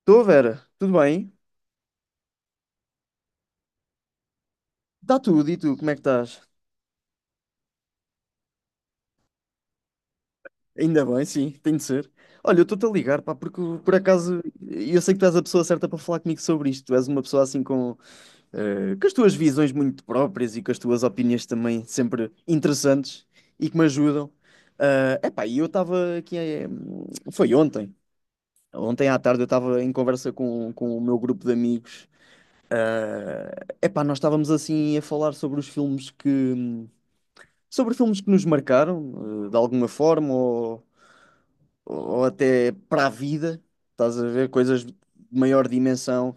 Estou, Vera, tudo bem? Está tudo, e tu, como é que estás? Ainda bem, sim, tem de ser. Olha, eu estou-te a ligar, pá, porque por acaso eu sei que tu és a pessoa certa para falar comigo sobre isto. Tu és uma pessoa assim com, com as tuas visões muito próprias e com as tuas opiniões também sempre interessantes e que me ajudam. É epá, e eu estava aqui, foi ontem. Ontem à tarde eu estava em conversa com o meu grupo de amigos. Epá, nós estávamos assim a falar sobre filmes que nos marcaram, de alguma forma, ou até para a vida, estás a ver? Coisas de maior dimensão.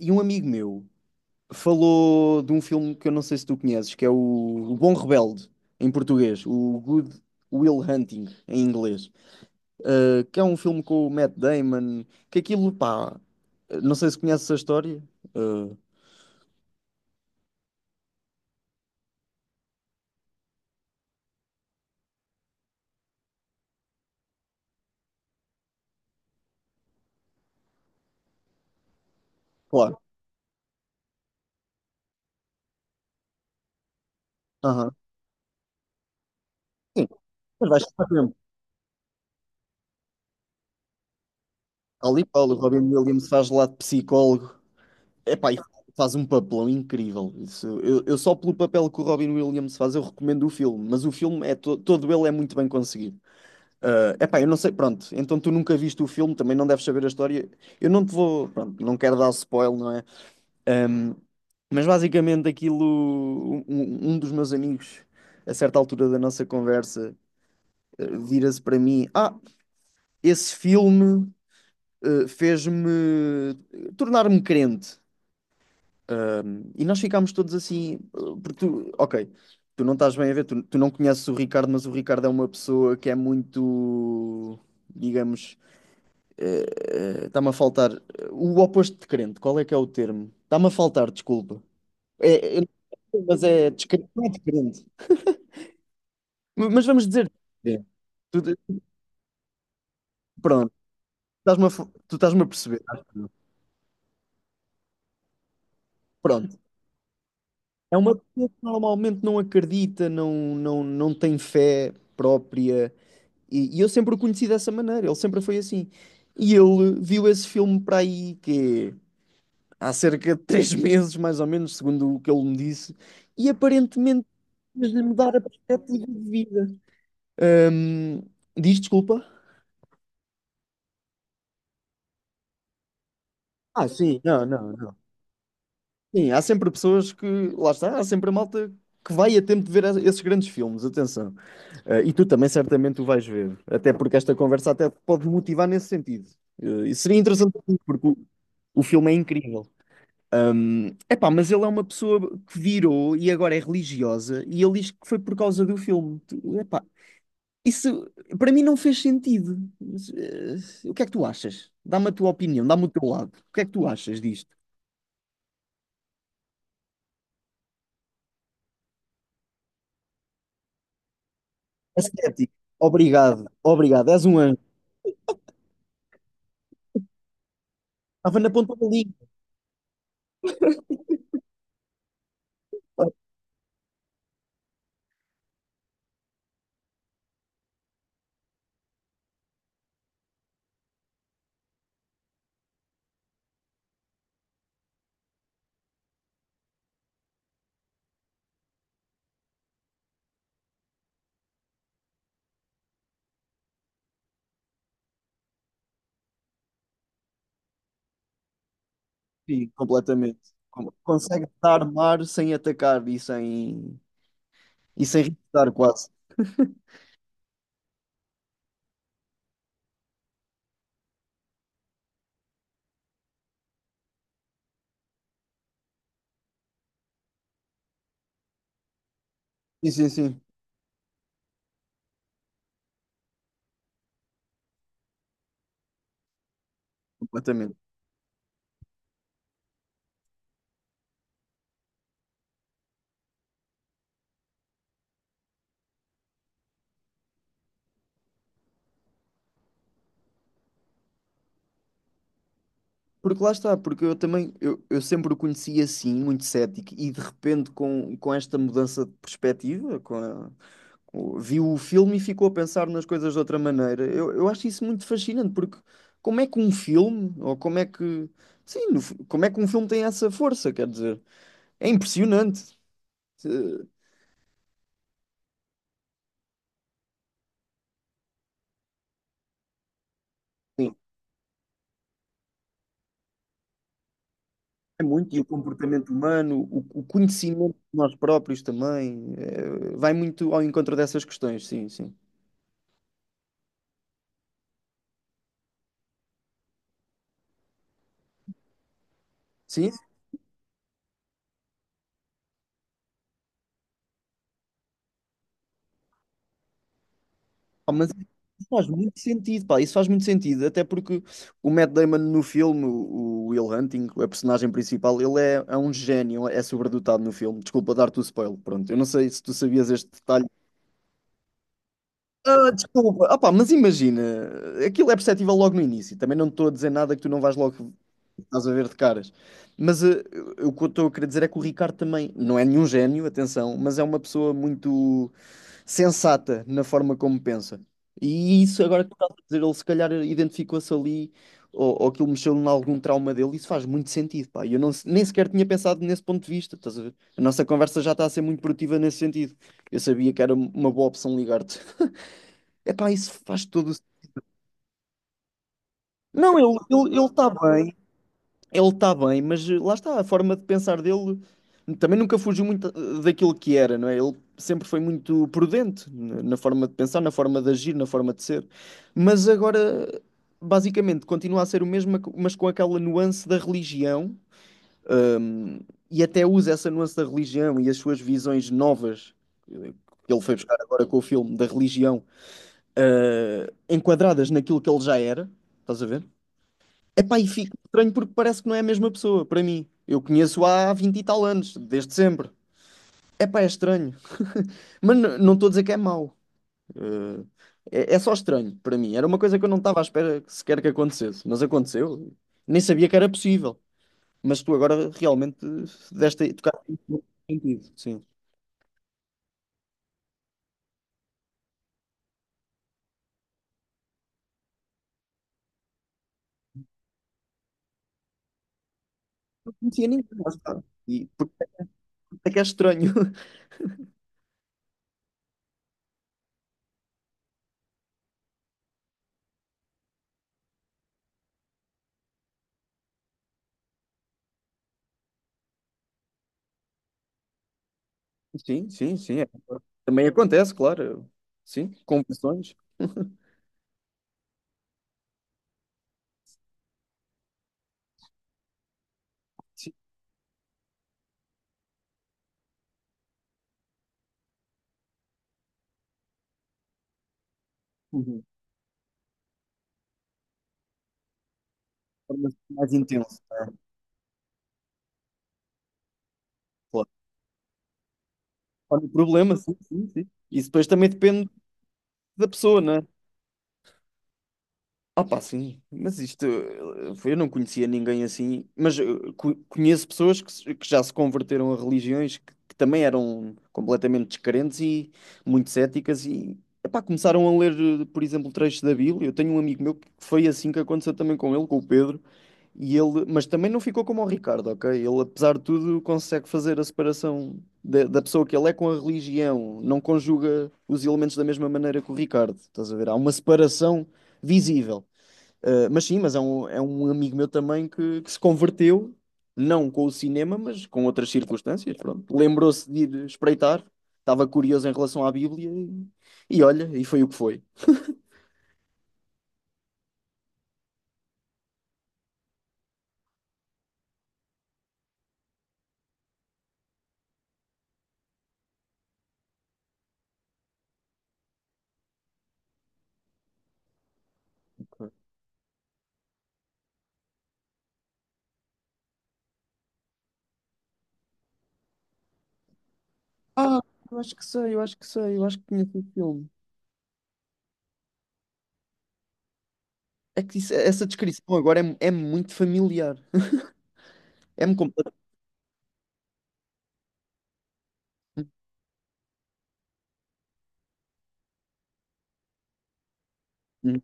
E um amigo meu falou de um filme que eu não sei se tu conheces, que é o Bom Rebelde, em português, o Good Will Hunting, em inglês, que é um filme com o Matt Damon, que aquilo, pá, não sei se conheces a história. eh, Claro. Aham. Sim, mas vais ficar tempo. Ali Paulo, o Robin Williams faz lá de psicólogo. Epá, e faz um papelão incrível. Isso, eu só pelo papel que o Robin Williams faz, eu recomendo o filme, mas o filme é todo ele é muito bem conseguido. Ah, epá, eu não sei, pronto, então tu nunca viste o filme, também não deves saber a história. Eu não te vou, pronto, não quero dar spoiler, não é? Ahm, mas basicamente aquilo, um dos meus amigos, a certa altura da nossa conversa, vira-se para mim: Ah, esse filme fez-me tornar-me crente. E nós ficámos todos assim, porque tu, ok, tu não estás bem a ver, tu não conheces o Ricardo, mas o Ricardo é uma pessoa que é muito, digamos, eh, está-me a faltar o oposto de crente, qual é que é o termo? Está-me a faltar, desculpa. É, é- mas é descrente, não é descrente. Mas vamos dizer, é, tu- pronto, estás-me a, tu estás-me a perceber. Acho eu. Pronto. É uma pessoa que normalmente não acredita, não tem fé própria. E eu sempre o conheci dessa maneira, ele sempre foi assim. E ele viu esse filme para aí que é, há cerca de três meses, mais ou menos, segundo o que ele me disse, e aparentemente fez-lhe mudar a perspectiva de vida. Ahm, Diz desculpa? Ah, sim, não, não, não. Sim, há sempre pessoas que, lá está, há sempre a malta que vai a tempo de ver esses grandes filmes, atenção. Ah, e tu também certamente o vais ver, até porque esta conversa até te pode motivar nesse sentido. Ah, e seria interessante, porque o filme é incrível. Epá, mas ele é uma pessoa que virou e agora é religiosa e ele diz que foi por causa do filme. Epá, isso para mim não fez sentido. Mas, o que é que tu achas? Dá-me a tua opinião, dá-me o teu lado. O que é que tu achas disto? Ascético. Obrigado, obrigado. És um anjo. Estava na ponta da língua. Sim, completamente. Consegue dar mar sem atacar e sem, irritar quase. Sim, sim, sim. Completamente. Porque lá está, porque eu também, eu sempre o conheci assim, muito cético, e de repente com esta mudança de perspectiva, viu o filme e ficou a pensar nas coisas de outra maneira. Eu acho isso muito fascinante, porque como é que um filme, ou como é que, sim, no fu- como é que um filme tem essa força, quer dizer, é impressionante. Eh, Sim, é muito, e o comportamento humano, o conhecimento de nós próprios também, vai muito ao encontro dessas questões, sim, sim. Sim, mas faz muito sentido, pá, isso faz muito sentido, até porque o Matt Damon no filme, o Will Hunting, a personagem principal, ele é um gênio, é sobredotado no filme. Desculpa dar-te o spoiler, pronto, eu não sei se tu sabias este detalhe. Ah, desculpa, ah, pá, mas imagina, aquilo é perceptível logo no início, também não te estou a dizer nada que tu não vais logo, estás a ver de caras. Mas o que eu estou a querer dizer é que o Ricardo também não é nenhum gênio, atenção, mas é uma pessoa muito sensata na forma como pensa. E isso agora que tu estás a dizer, ele se calhar identificou-se ali, ou aquilo mexeu em algum trauma dele, isso faz muito sentido, pá. Eu não, nem sequer tinha pensado nesse ponto de vista, estás a ver? A nossa conversa já está a ser muito produtiva nesse sentido. Eu sabia que era uma boa opção ligar-te. É pá, isso faz todo o... Não, ele está bem. Ele está bem, mas lá está, a forma de pensar dele também nunca fugiu muito daquilo que era, não é? Ele sempre foi muito prudente na forma de pensar, na forma de agir, na forma de ser. Mas agora, basicamente, continua a ser o mesmo, mas com aquela nuance da religião, hum, e até usa essa nuance da religião e as suas visões novas, eh, que ele foi buscar agora com o filme, da religião, enquadradas naquilo que ele já era, estás a ver? Epá, e fico estranho porque parece que não é a mesma pessoa, para mim. Eu conheço há 20 e tal anos, desde sempre. Epá, é estranho. Mas não estou a dizer que é mau. Eh, é só estranho para mim. Era uma coisa que eu não estava à espera que sequer que acontecesse. Mas aconteceu. Nem sabia que era possível. Mas tu agora realmente tocaste sentido. Sim. Não conhecia ninguém, lá está. E por isso é que é estranho. Sim, sim, sim. É. Também acontece, claro. Sim, confissões. Sim. Uhum. De forma mais intensa. Claro. Olha o problema, sim, sim, sim. Isso depois também depende da pessoa, né? Ah, pá, sim. Mas isto, eu não conhecia ninguém assim, mas conheço pessoas que, que já se converteram a religiões que também eram completamente descrentes e muito céticas e, epá, começaram a ler, por exemplo, trechos da Bíblia. Eu tenho um amigo meu que foi assim que aconteceu também com ele, com o Pedro. E ele, mas também não ficou como o Ricardo, ok? Ele, apesar de tudo, consegue fazer a separação da pessoa que ele é com a religião, não conjuga os elementos da mesma maneira que o Ricardo, estás a ver? Há uma separação visível. Ah, mas sim, mas é um amigo meu também que se converteu, não com o cinema, mas com outras circunstâncias, pronto. Lembrou-se de ir espreitar, estava curioso em relação à Bíblia e olha, e foi o que foi. Ah, eu acho que sei, eu acho que sei, eu acho que conheço o filme. É que essa descrição agora é muito familiar. É-me completamente. Hum.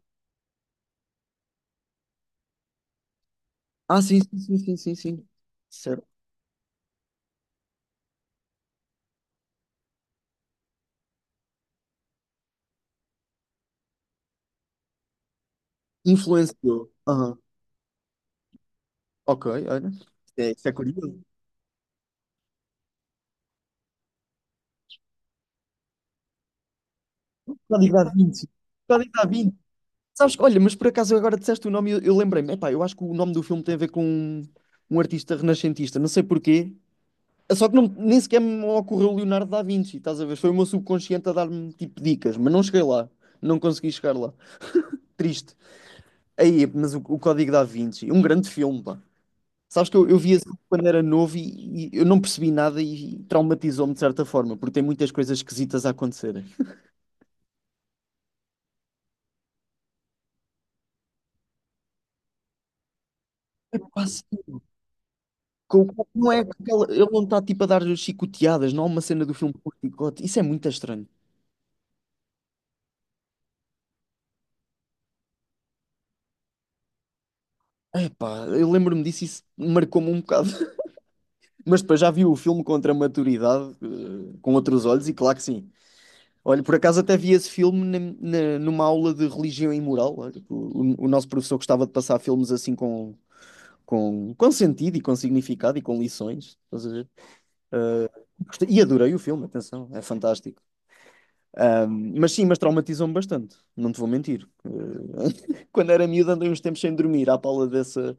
Ah, sim, sim, sim, sim, sim, sim. Certo. Influenciou. Aham. Ok, olha. É, isso é curioso. Código da Vinci. Código da Vinci. Sabes, olha, mas por acaso agora disseste o nome e eu lembrei-me. Epá, eu acho que o nome do filme tem a ver com um artista renascentista, não sei porquê. Só que não, nem sequer me ocorreu Leonardo da Vinci, estás a ver? Foi o meu subconsciente a dar-me tipo dicas, mas não cheguei lá. Não consegui chegar lá. Triste. Aí, mas o Código da Vinci, um grande filme, pá. Sabes que eu vi esse filme quando era novo e eu não percebi nada e traumatizou-me de certa forma, porque tem muitas coisas esquisitas a acontecerem. Quase, não é aquela, ele não está tipo a dar chicoteadas, não há uma cena do filme com chicote. Isso é muito estranho. Epá, eu lembro-me disso e isso marcou-me um bocado. Mas depois já vi o filme contra a maturidade, com outros olhos, e claro que sim. Olha, por acaso até vi esse filme numa aula de religião e moral. Olha, o nosso professor gostava de passar filmes assim com sentido e com significado e com lições. Estás a ver? Ah, e adorei o filme, atenção, é fantástico. Ah, mas sim, mas traumatizou-me bastante, não te vou mentir. Ah, quando era miúdo andei uns tempos sem dormir à pala dessa,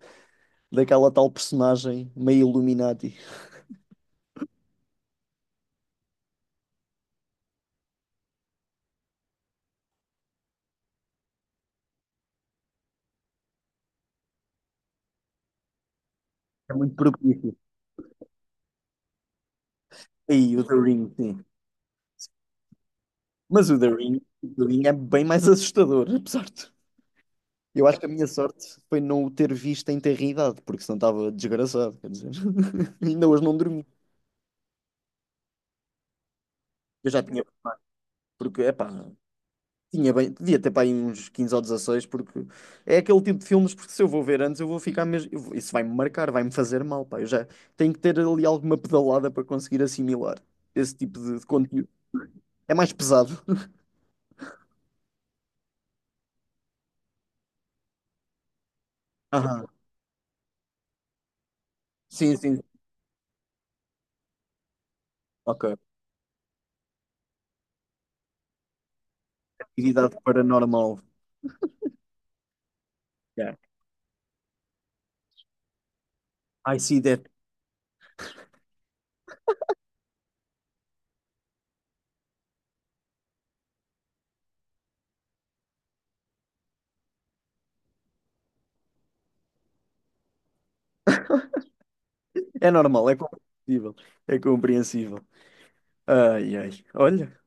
daquela tal personagem meio Illuminati. É muito propício. E o The Ring, sim. Mas o The Ring é bem mais assustador, apesar de. Eu acho que a minha sorte foi não o ter visto em terridade, porque senão estava desgraçado, quer dizer. Ainda hoje não dormi. Eu já tinha, porque, epá, tinha bem, devia ter para aí uns 15 ou 16, porque é aquele tipo de filmes, porque se eu vou ver antes, eu vou ficar mesmo, isso vai-me marcar, vai-me fazer mal, pá. Eu já tenho que ter ali alguma pedalada para conseguir assimilar esse tipo de conteúdo. É mais pesado. Aham. Sim, sim. Ok. Atividade paranormal. Yeah. I see that. É normal, é compreensível. É compreensível. Ai, ai. Olha,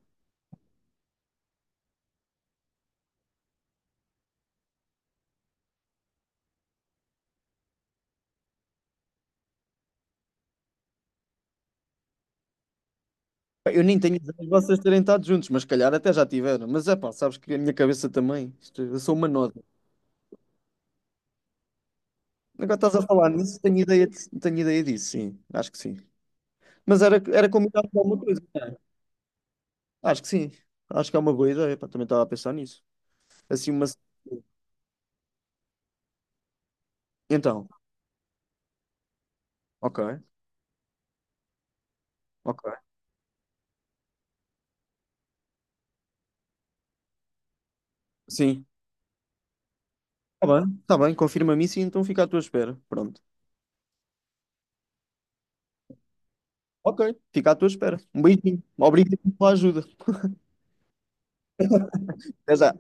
pá, eu nem tenho ideia de vocês terem estado juntos, mas se calhar até já tiveram. Mas é pá, sabes que a minha cabeça também. Eu sou uma noda. Agora estás a falar nisso, tenho ideia, tenho ideia disso, sim. Acho que sim. Mas era combinado com alguma coisa, não é? Acho que sim. Acho que é uma boa ideia. Pá, também estava a pensar nisso. Assim, uma. Então, ok, ok. Sim. Tá bem, confirma-me isso e então fica à tua espera. Pronto, ok. Fica à tua espera. Um beijinho, obrigado pela ajuda. Até já.